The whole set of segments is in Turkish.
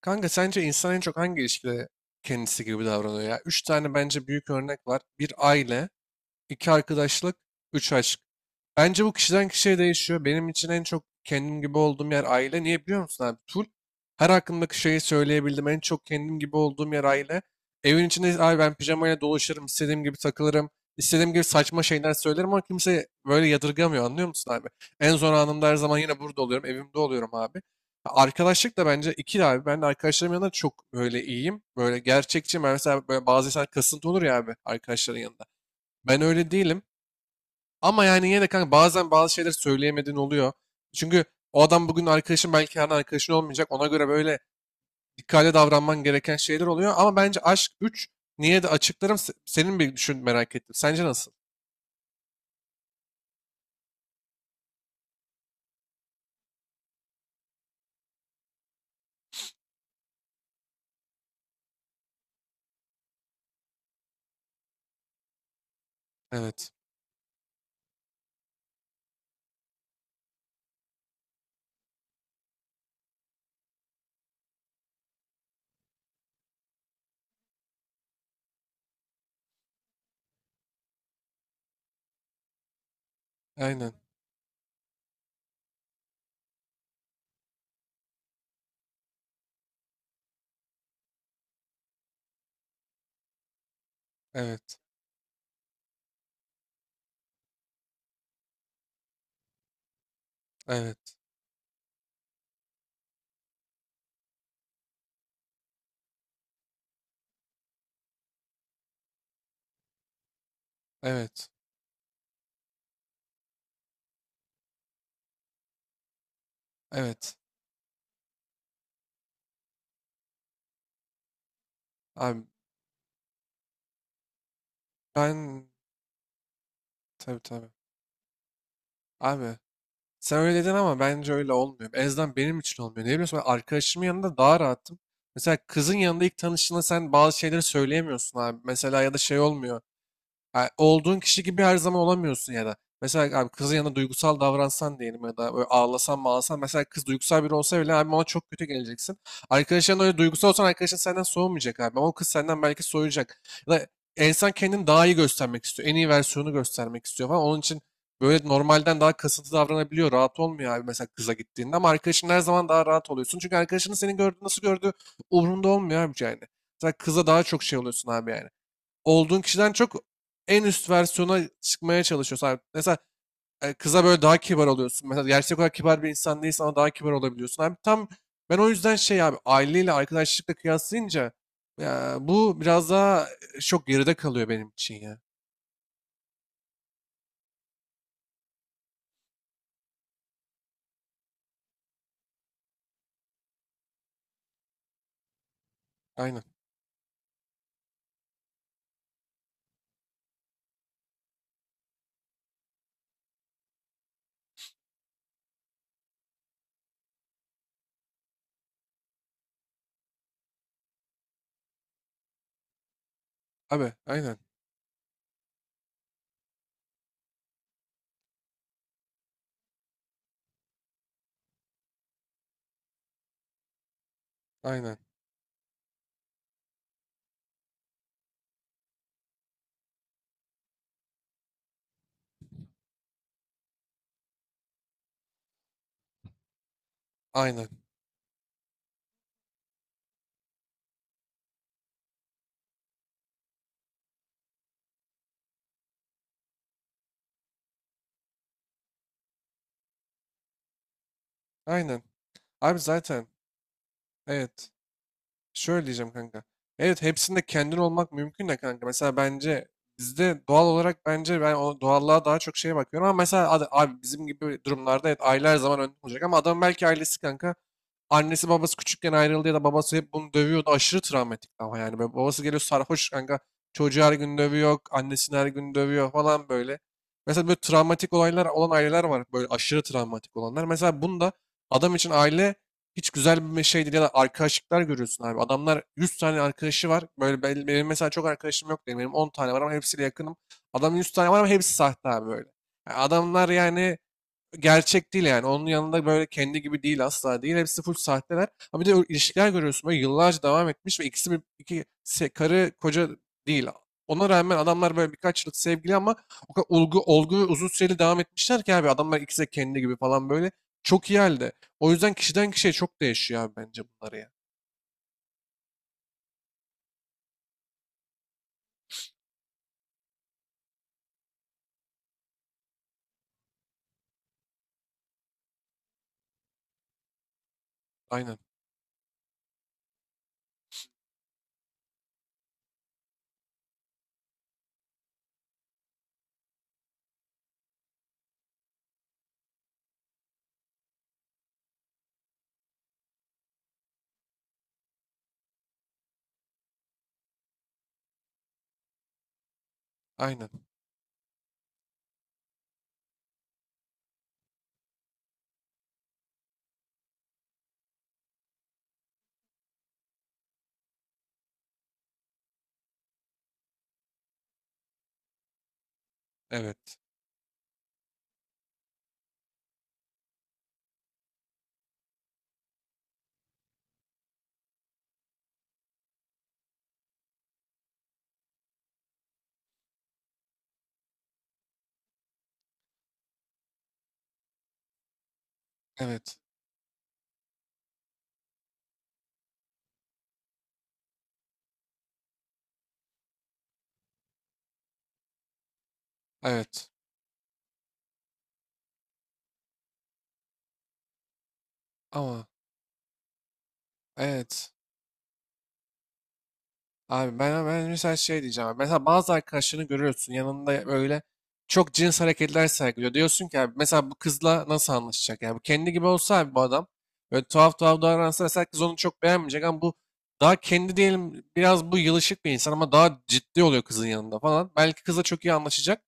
Kanka sence insan en çok hangi ilişkide kendisi gibi davranıyor ya? Üç tane bence büyük örnek var. Bir aile, iki arkadaşlık, üç aşk. Bence bu kişiden kişiye değişiyor. Benim için en çok kendim gibi olduğum yer aile. Niye biliyor musun abi? Full her hakkındaki şeyi söyleyebildim. En çok kendim gibi olduğum yer aile. Evin içinde abi ben pijamayla dolaşırım. İstediğim gibi takılırım. İstediğim gibi saçma şeyler söylerim ama kimse böyle yadırgamıyor, anlıyor musun abi? En zor anımda her zaman yine burada oluyorum. Evimde oluyorum abi. Arkadaşlık da bence ikili abi. Ben de arkadaşlarım yanında çok böyle iyiyim. Böyle gerçekçi. Ben mesela böyle bazı insan kasıntı olur ya abi arkadaşların yanında. Ben öyle değilim. Ama yani yine de kanka bazen bazı şeyler söyleyemediğin oluyor. Çünkü o adam bugün arkadaşın belki yarın arkadaşın olmayacak. Ona göre böyle dikkatli davranman gereken şeyler oluyor. Ama bence aşk üç, niye de açıklarım, senin bir düşün, merak ettim. Sence nasıl? Evet. Aynen. Evet. Evet. Evet. Evet. Abi ben, tabii tabii. Abi sen öyle dedin ama bence öyle olmuyor. En azından benim için olmuyor. Ne biliyorsun, ben arkadaşımın yanında daha rahatım. Mesela kızın yanında ilk tanıştığında sen bazı şeyleri söyleyemiyorsun abi. Mesela ya da şey olmuyor. Ha, olduğun kişi gibi her zaman olamıyorsun ya da. Mesela abi kızın yanında duygusal davransan diyelim ya da böyle ağlasan mağlasan. Mesela kız duygusal biri olsa bile abi ona çok kötü geleceksin. Arkadaşların öyle duygusal olsan arkadaşın senden soğumayacak abi. Ama o kız senden belki soğuyacak. Ya da insan kendini daha iyi göstermek istiyor. En iyi versiyonu göstermek istiyor falan. Onun için böyle normalden daha kasıntı davranabiliyor. Rahat olmuyor abi mesela kıza gittiğinde. Ama arkadaşın her zaman daha rahat oluyorsun. Çünkü arkadaşının seni gördüğü, nasıl gördüğü umurunda olmuyor abi yani. Mesela kıza daha çok şey oluyorsun abi, yani olduğun kişiden çok en üst versiyona çıkmaya çalışıyorsun. Abi mesela kıza böyle daha kibar oluyorsun. Mesela gerçek olarak kibar bir insan değilsen ama daha kibar olabiliyorsun. Abi tam, ben o yüzden şey abi, aileyle arkadaşlıkla kıyaslayınca ya, bu biraz daha çok geride kalıyor benim için ya. Aynen. Abi aynen. Aynen. Aynen. Aynen. Abi zaten evet. Şöyle diyeceğim kanka. Evet, hepsinde kendin olmak mümkün de kanka. Mesela bence bizde doğal olarak, bence ben o doğallığa daha çok şeye bakıyorum, ama mesela abi bizim gibi durumlarda evet aile her zaman önde olacak ama adam belki ailesi kanka annesi babası küçükken ayrıldı ya da babası hep bunu dövüyordu. Aşırı travmatik ama yani. Böyle babası geliyor sarhoş kanka. Çocuğu her gün dövüyor. Annesini her gün dövüyor falan böyle. Mesela böyle travmatik olaylar olan aileler var. Böyle aşırı travmatik olanlar. Mesela bunda adam için aile hiç güzel bir şey değil. Ya da arkadaşlıklar görüyorsun abi. Adamlar 100 tane arkadaşı var. Böyle benim mesela çok arkadaşım yok değil. Benim 10 tane var ama hepsiyle yakınım. Adamın 100 tane var ama hepsi sahte abi böyle. Yani adamlar yani gerçek değil yani. Onun yanında böyle kendi gibi değil, asla değil. Hepsi full sahteler. Ama bir de o ilişkiler görüyorsun böyle yıllarca devam etmiş ve ikisi bir iki karı koca değil. Ona rağmen adamlar böyle birkaç yıllık sevgili ama o kadar olgu, olgu ve uzun süreli devam etmişler ki abi adamlar ikisi de kendi gibi falan böyle. Çok iyi halde. O yüzden kişiden kişiye çok değişiyor abi bence bunları ya. Aynen. Aynen. Evet. Evet. Evet. Ama evet. Abi ben mesela şey diyeceğim, abi. Mesela bazı arkadaşlarını görüyorsun, yanında böyle çok cins hareketler sergiliyor. Diyorsun ki abi mesela bu kızla nasıl anlaşacak? Yani bu kendi gibi olsa abi, bu adam böyle tuhaf tuhaf davransa mesela kız onu çok beğenmeyecek, ama bu daha kendi diyelim, biraz bu yılışık bir insan ama daha ciddi oluyor kızın yanında falan. Belki kızla çok iyi anlaşacak.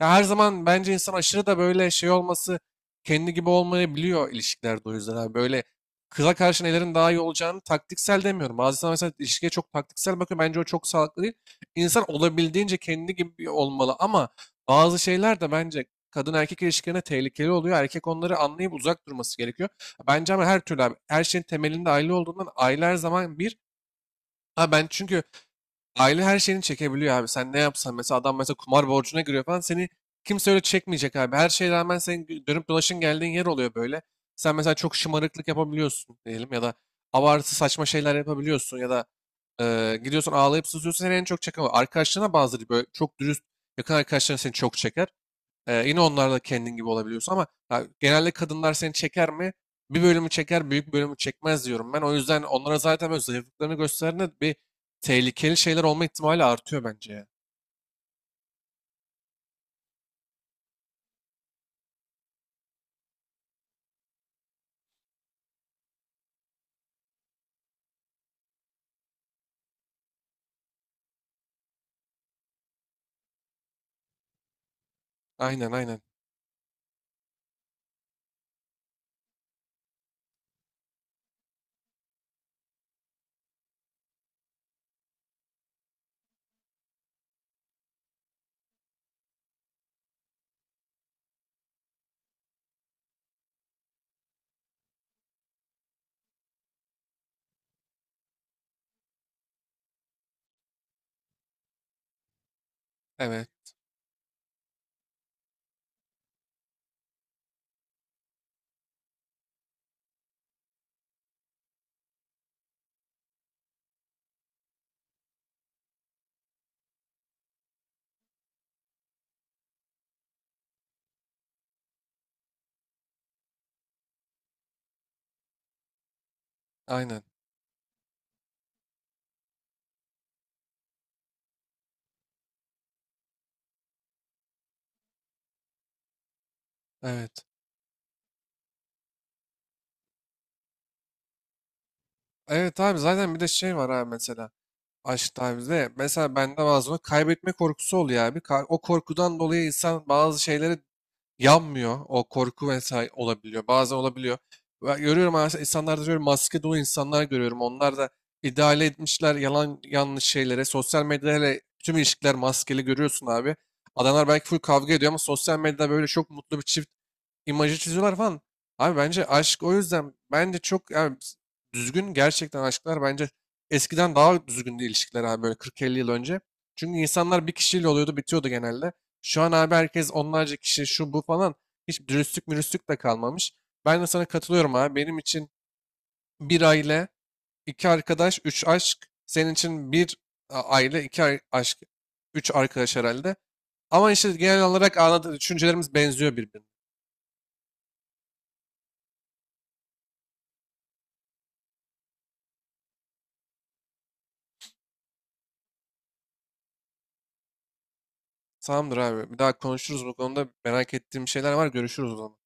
Ya her zaman bence insan aşırı da böyle şey olması kendi gibi olmayabiliyor ilişkilerde, o yüzden abi. Böyle kıza karşı nelerin daha iyi olacağını, taktiksel demiyorum. Bazı insan mesela ilişkiye çok taktiksel bakıyor. Bence o çok sağlıklı değil. İnsan olabildiğince kendi gibi olmalı ama bazı şeyler de bence kadın erkek ilişkilerine tehlikeli oluyor. Erkek onları anlayıp uzak durması gerekiyor. Bence ama her türlü abi, her şeyin temelinde aile olduğundan aile her zaman bir. Ha ben çünkü Aile her şeyini çekebiliyor abi. Sen ne yapsan, mesela adam mesela kumar borcuna giriyor falan, seni kimse öyle çekmeyecek abi. Her şeye rağmen senin dönüp dolaşın geldiğin yer oluyor böyle. Sen mesela çok şımarıklık yapabiliyorsun diyelim ya da abartı saçma şeyler yapabiliyorsun ya da gidiyorsun ağlayıp sızıyorsun, seni en çok çeken o. Arkadaşlarına, bazıları böyle çok dürüst yakın arkadaşların seni çok çeker. Yine onlarla kendin gibi olabiliyorsun ama ha, genelde kadınlar seni çeker mi? Bir bölümü çeker, büyük bölümü çekmez diyorum ben. O yüzden onlara zaten böyle zayıflıklarını gösterdiğinde bir tehlikeli şeyler olma ihtimali artıyor bence ya. Aynen, aynen. Evet. Aynen. Evet. Evet abi, zaten bir de şey var abi mesela. Aşk abi de mesela bende bazen kaybetme korkusu oluyor abi. O korkudan dolayı insan bazı şeylere yanmıyor. O korku vesaire olabiliyor. Bazen olabiliyor. Ve görüyorum, aslında insanlarda görüyorum, maske dolu insanlar görüyorum. Onlar da ideale etmişler yalan yanlış şeylere. Sosyal medyada hele tüm ilişkiler maskeli görüyorsun abi. Adamlar belki full kavga ediyor ama sosyal medyada böyle çok mutlu bir çift imajı çiziyorlar falan. Abi bence aşk o yüzden bence çok yani düzgün, gerçekten aşklar bence eskiden daha düzgündü ilişkiler abi, böyle 40-50 yıl önce. Çünkü insanlar bir kişiyle oluyordu bitiyordu genelde. Şu an abi herkes onlarca kişi, şu bu falan, hiç dürüstlük mürüstlük de kalmamış. Ben de sana katılıyorum abi, benim için bir aile, iki arkadaş, üç aşk. Senin için bir aile, iki aşk, üç arkadaş herhalde. Ama işte genel olarak anladığı düşüncelerimiz benziyor birbirine. Tamamdır abi. Bir daha konuşuruz bu konuda. Merak ettiğim şeyler var. Görüşürüz o zaman.